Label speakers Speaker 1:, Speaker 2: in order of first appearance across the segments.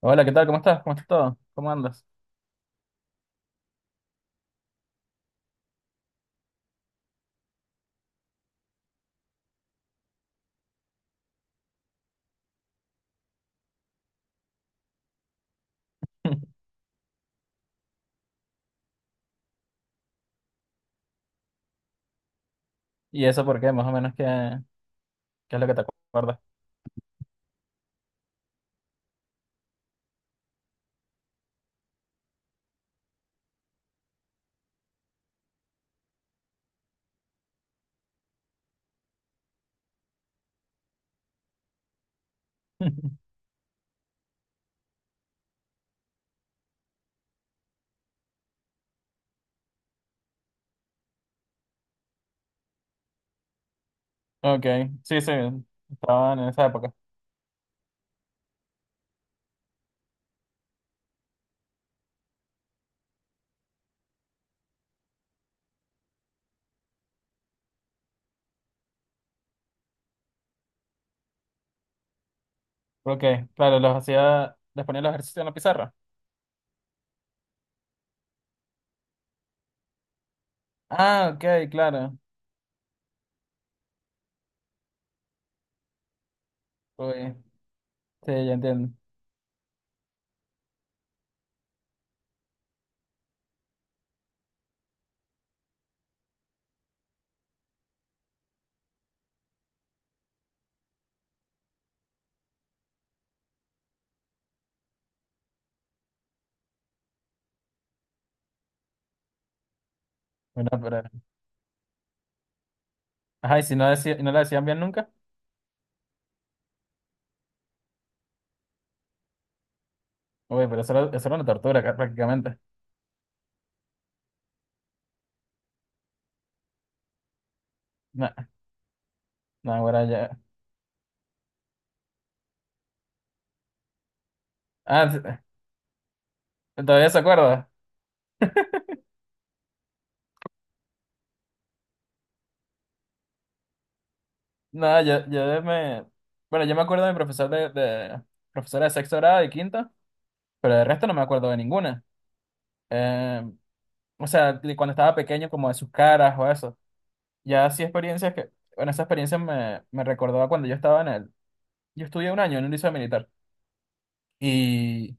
Speaker 1: Hola, ¿qué tal? ¿Cómo estás? ¿Cómo estás todo? ¿Cómo andas? ¿Y eso por qué? Más o menos, ¿qué es lo que te acuerdas? Ok, sí, sí, estaban en esa época. Ok, claro, los hacía, les ponía los ejercicios en la pizarra. Ah, ok, claro. Uy, sí, ya entiendo. Bueno, pero... Ajá, y si no, decía, y no le decían bien nunca. Uy, pero eso era una tortura prácticamente. No, no, ahora ya. Ah, sí, ¿todavía se acuerda? No, yo me... Bueno, yo me acuerdo de mi profesor. De... Profesora de sexto grado y quinto, pero de resto no me acuerdo de ninguna. Eh, o sea, de cuando estaba pequeño, como de sus caras o eso. Ya sí experiencias que, bueno, esa experiencia me recordó a cuando yo estaba en yo estudié un año en un liceo militar y,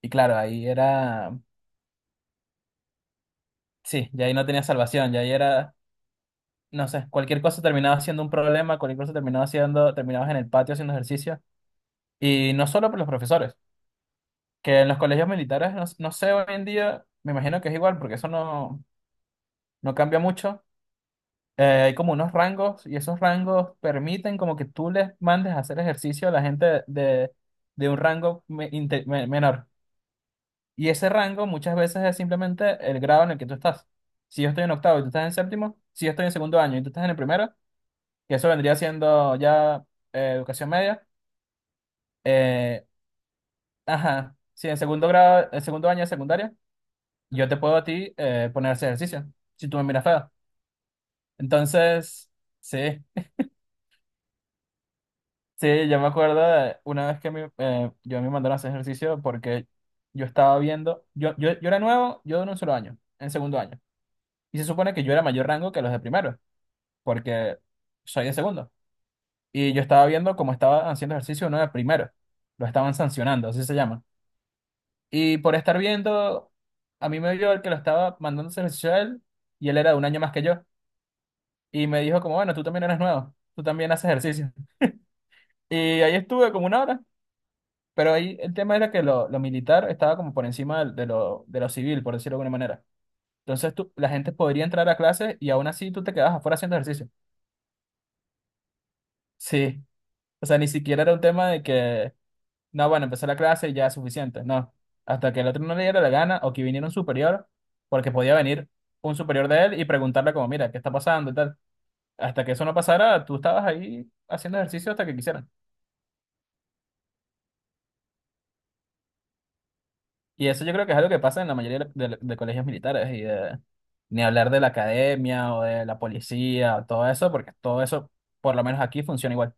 Speaker 1: y claro, ahí era, sí, ya ahí no tenía salvación, ya ahí era, no sé, cualquier cosa terminaba siendo un problema, cualquier cosa terminaba siendo, terminabas en el patio haciendo ejercicio, y no solo por los profesores, que en los colegios militares, no, no sé hoy en día, me imagino que es igual porque eso no, no cambia mucho. Hay como unos rangos, y esos rangos permiten como que tú les mandes a hacer ejercicio a la gente de un rango menor. Y ese rango muchas veces es simplemente el grado en el que tú estás. Si yo estoy en octavo y tú estás en séptimo, si yo estoy en segundo año y tú estás en el primero, que eso vendría siendo ya educación media. eh, ajá, si en segundo grado, en segundo año de secundaria, yo te puedo a ti, poner a hacer ejercicio, si tú me miras feo. Entonces, sí. Sí, yo me acuerdo de una vez que yo me mandaron a hacer ejercicio porque yo estaba viendo, yo era nuevo, yo en un solo año, en segundo año. Y se supone que yo era mayor rango que los de primero, porque soy de segundo. Y yo estaba viendo cómo estaba haciendo ejercicio uno de primero. Lo estaban sancionando, así se llama. Y por estar viendo, a mí me vio el que lo estaba mandando a hacer ejercicio a él, y él era de un año más que yo. Y me dijo como, bueno, tú también eres nuevo, tú también haces ejercicio. Y ahí estuve como una hora. Pero ahí el tema era que lo militar estaba como por encima de lo civil, por decirlo de alguna manera. Entonces tú, la gente podría entrar a clases y aún así tú te quedabas afuera haciendo ejercicio. Sí. O sea, ni siquiera era un tema de que, no, bueno, empezó la clase y ya es suficiente. No. Hasta que el otro no le diera la gana o que viniera un superior, porque podía venir un superior de él y preguntarle como, mira, ¿qué está pasando y tal? Hasta que eso no pasara, tú estabas ahí haciendo ejercicio hasta que quisieran. Y eso yo creo que es algo que pasa en la mayoría de colegios militares y de ni hablar de la academia o de la policía o todo eso, porque todo eso, por lo menos aquí, funciona igual.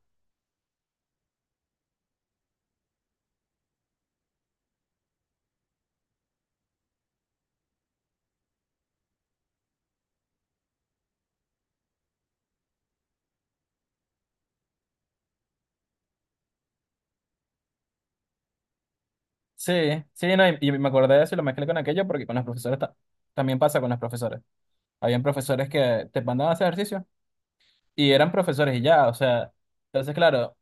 Speaker 1: Sí, sí, no, y me acordé de eso y lo mezclé con aquello porque con los profesores también pasa con los profesores. Habían profesores que te mandaban a hacer ejercicio y eran profesores y ya, o sea, entonces claro,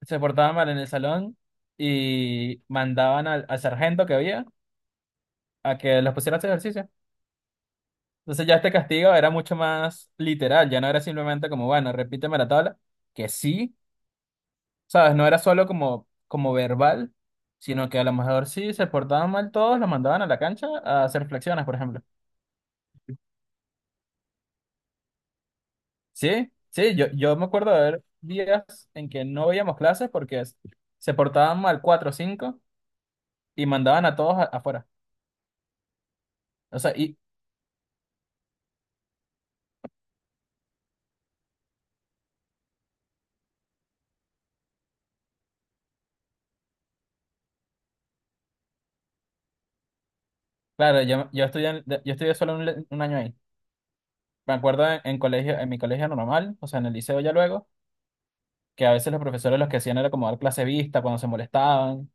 Speaker 1: se portaban mal en el salón y mandaban al sargento que había a que los pusiera a hacer ejercicio. Entonces ya este castigo era mucho más literal, ya no era simplemente como, bueno, repíteme la tabla, que sí. ¿Sabes? No era solo como, como verbal, sino que a lo mejor si se portaban mal todos, los mandaban a la cancha a hacer flexiones, por ejemplo. Sí, sí, yo me acuerdo de haber días en que no veíamos clases porque se portaban mal cuatro o cinco y mandaban a todos afuera. O sea, y claro, yo estudié solo un, un año ahí. Me acuerdo en colegio, en mi colegio normal, o sea, en el liceo ya luego, que a veces los profesores los que hacían era como dar clase vista cuando se molestaban,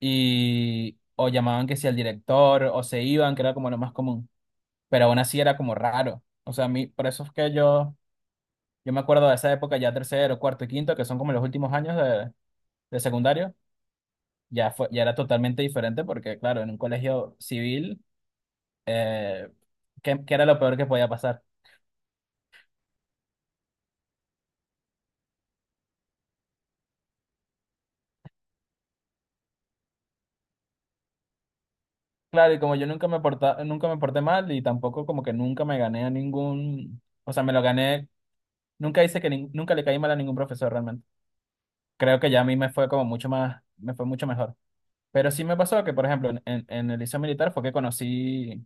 Speaker 1: y o llamaban que si al director o se iban, que era como lo más común, pero aún así era como raro. O sea, a mí, por eso es que yo me acuerdo de esa época ya tercero, cuarto y quinto, que son como los últimos años de secundario. Ya fue, ya era totalmente diferente porque, claro, en un colegio civil, eh, ¿qué, qué era lo peor que podía pasar? Claro, y como yo nunca me porta, nunca me porté mal, y tampoco como que nunca me gané a ningún, o sea, me lo gané, nunca le caí mal a ningún profesor realmente. Creo que ya a mí me fue como mucho más, me fue mucho mejor. Pero sí me pasó que, por ejemplo, en el liceo militar fue que conocí,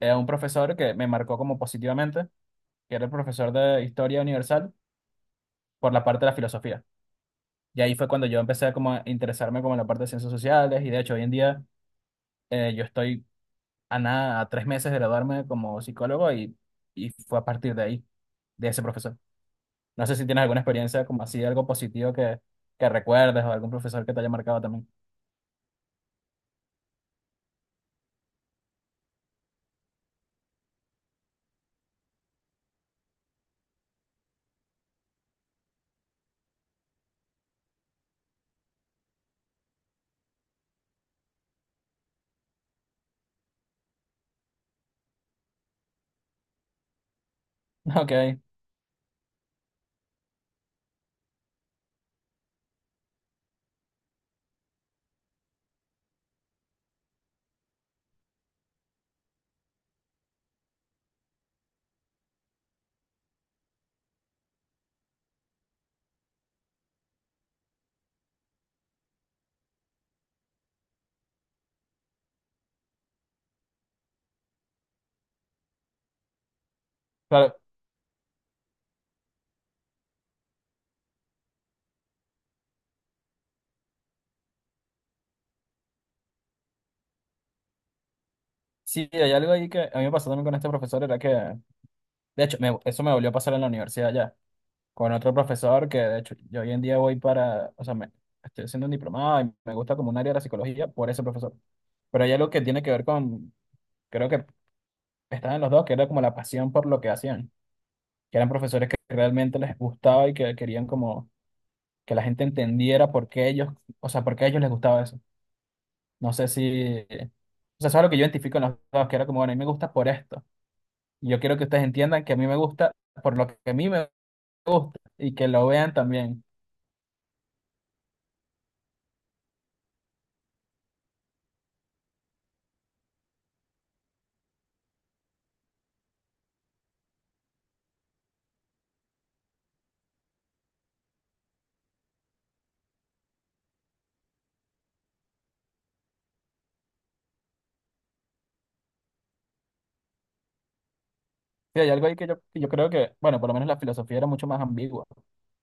Speaker 1: a un profesor que me marcó como positivamente, que era el profesor de Historia Universal por la parte de la filosofía. Y ahí fue cuando yo empecé como a interesarme como en la parte de ciencias sociales, y de hecho hoy en día yo estoy a nada, a tres meses de graduarme como psicólogo, y fue a partir de ahí, de ese profesor. No sé si tienes alguna experiencia como así, algo positivo que recuerdes, o algún profesor que te haya marcado también. Ok, claro. Sí, hay algo ahí que a mí me pasó también con este profesor, era que de hecho, eso me volvió a pasar en la universidad ya, con otro profesor que de hecho yo hoy en día voy para, o sea, me, estoy haciendo un diplomado y me gusta como un área de la psicología por ese profesor. Pero hay algo que tiene que ver con, creo que estaban los dos, que era como la pasión por lo que hacían, que eran profesores que realmente les gustaba y que querían como que la gente entendiera por qué ellos, o sea, por qué a ellos les gustaba eso. No sé si, o sea, eso es lo que yo identifico en los dos, que era como, bueno, a mí me gusta por esto. Y yo quiero que ustedes entiendan que a mí me gusta por lo que a mí me gusta, y que lo vean también. Sí, hay algo ahí que yo creo que, bueno, por lo menos la filosofía era mucho más ambigua,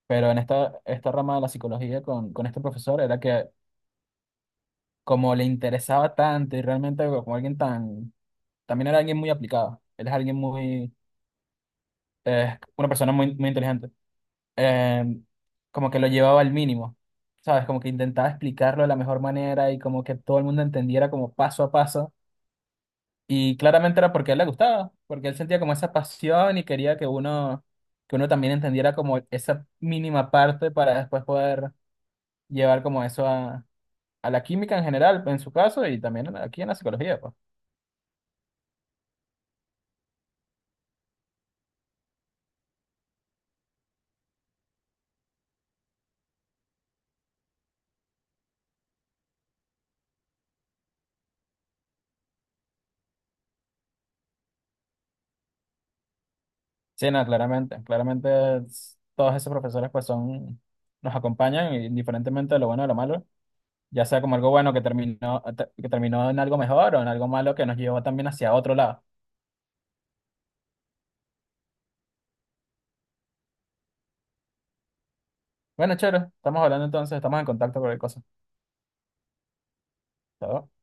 Speaker 1: pero en esta rama de la psicología con este profesor era que como le interesaba tanto, y realmente como alguien tan, también era alguien muy aplicado, él es alguien muy, una persona muy, muy inteligente, eh, como que lo llevaba al mínimo, ¿sabes? Como que intentaba explicarlo de la mejor manera y como que todo el mundo entendiera como paso a paso. Y claramente era porque a él le gustaba, porque él sentía como esa pasión y quería que uno también entendiera como esa mínima parte, para después poder llevar como eso a la química en general, en su caso, y también aquí en la psicología, pues. Sí, no, claramente, todos esos profesores pues son, nos acompañan, y indiferentemente de lo bueno o lo malo, ya sea como algo bueno que que terminó en algo mejor, o en algo malo que nos llevó también hacia otro lado. Bueno, chévere, estamos hablando entonces, estamos en contacto con el cosa. ¿Está bien?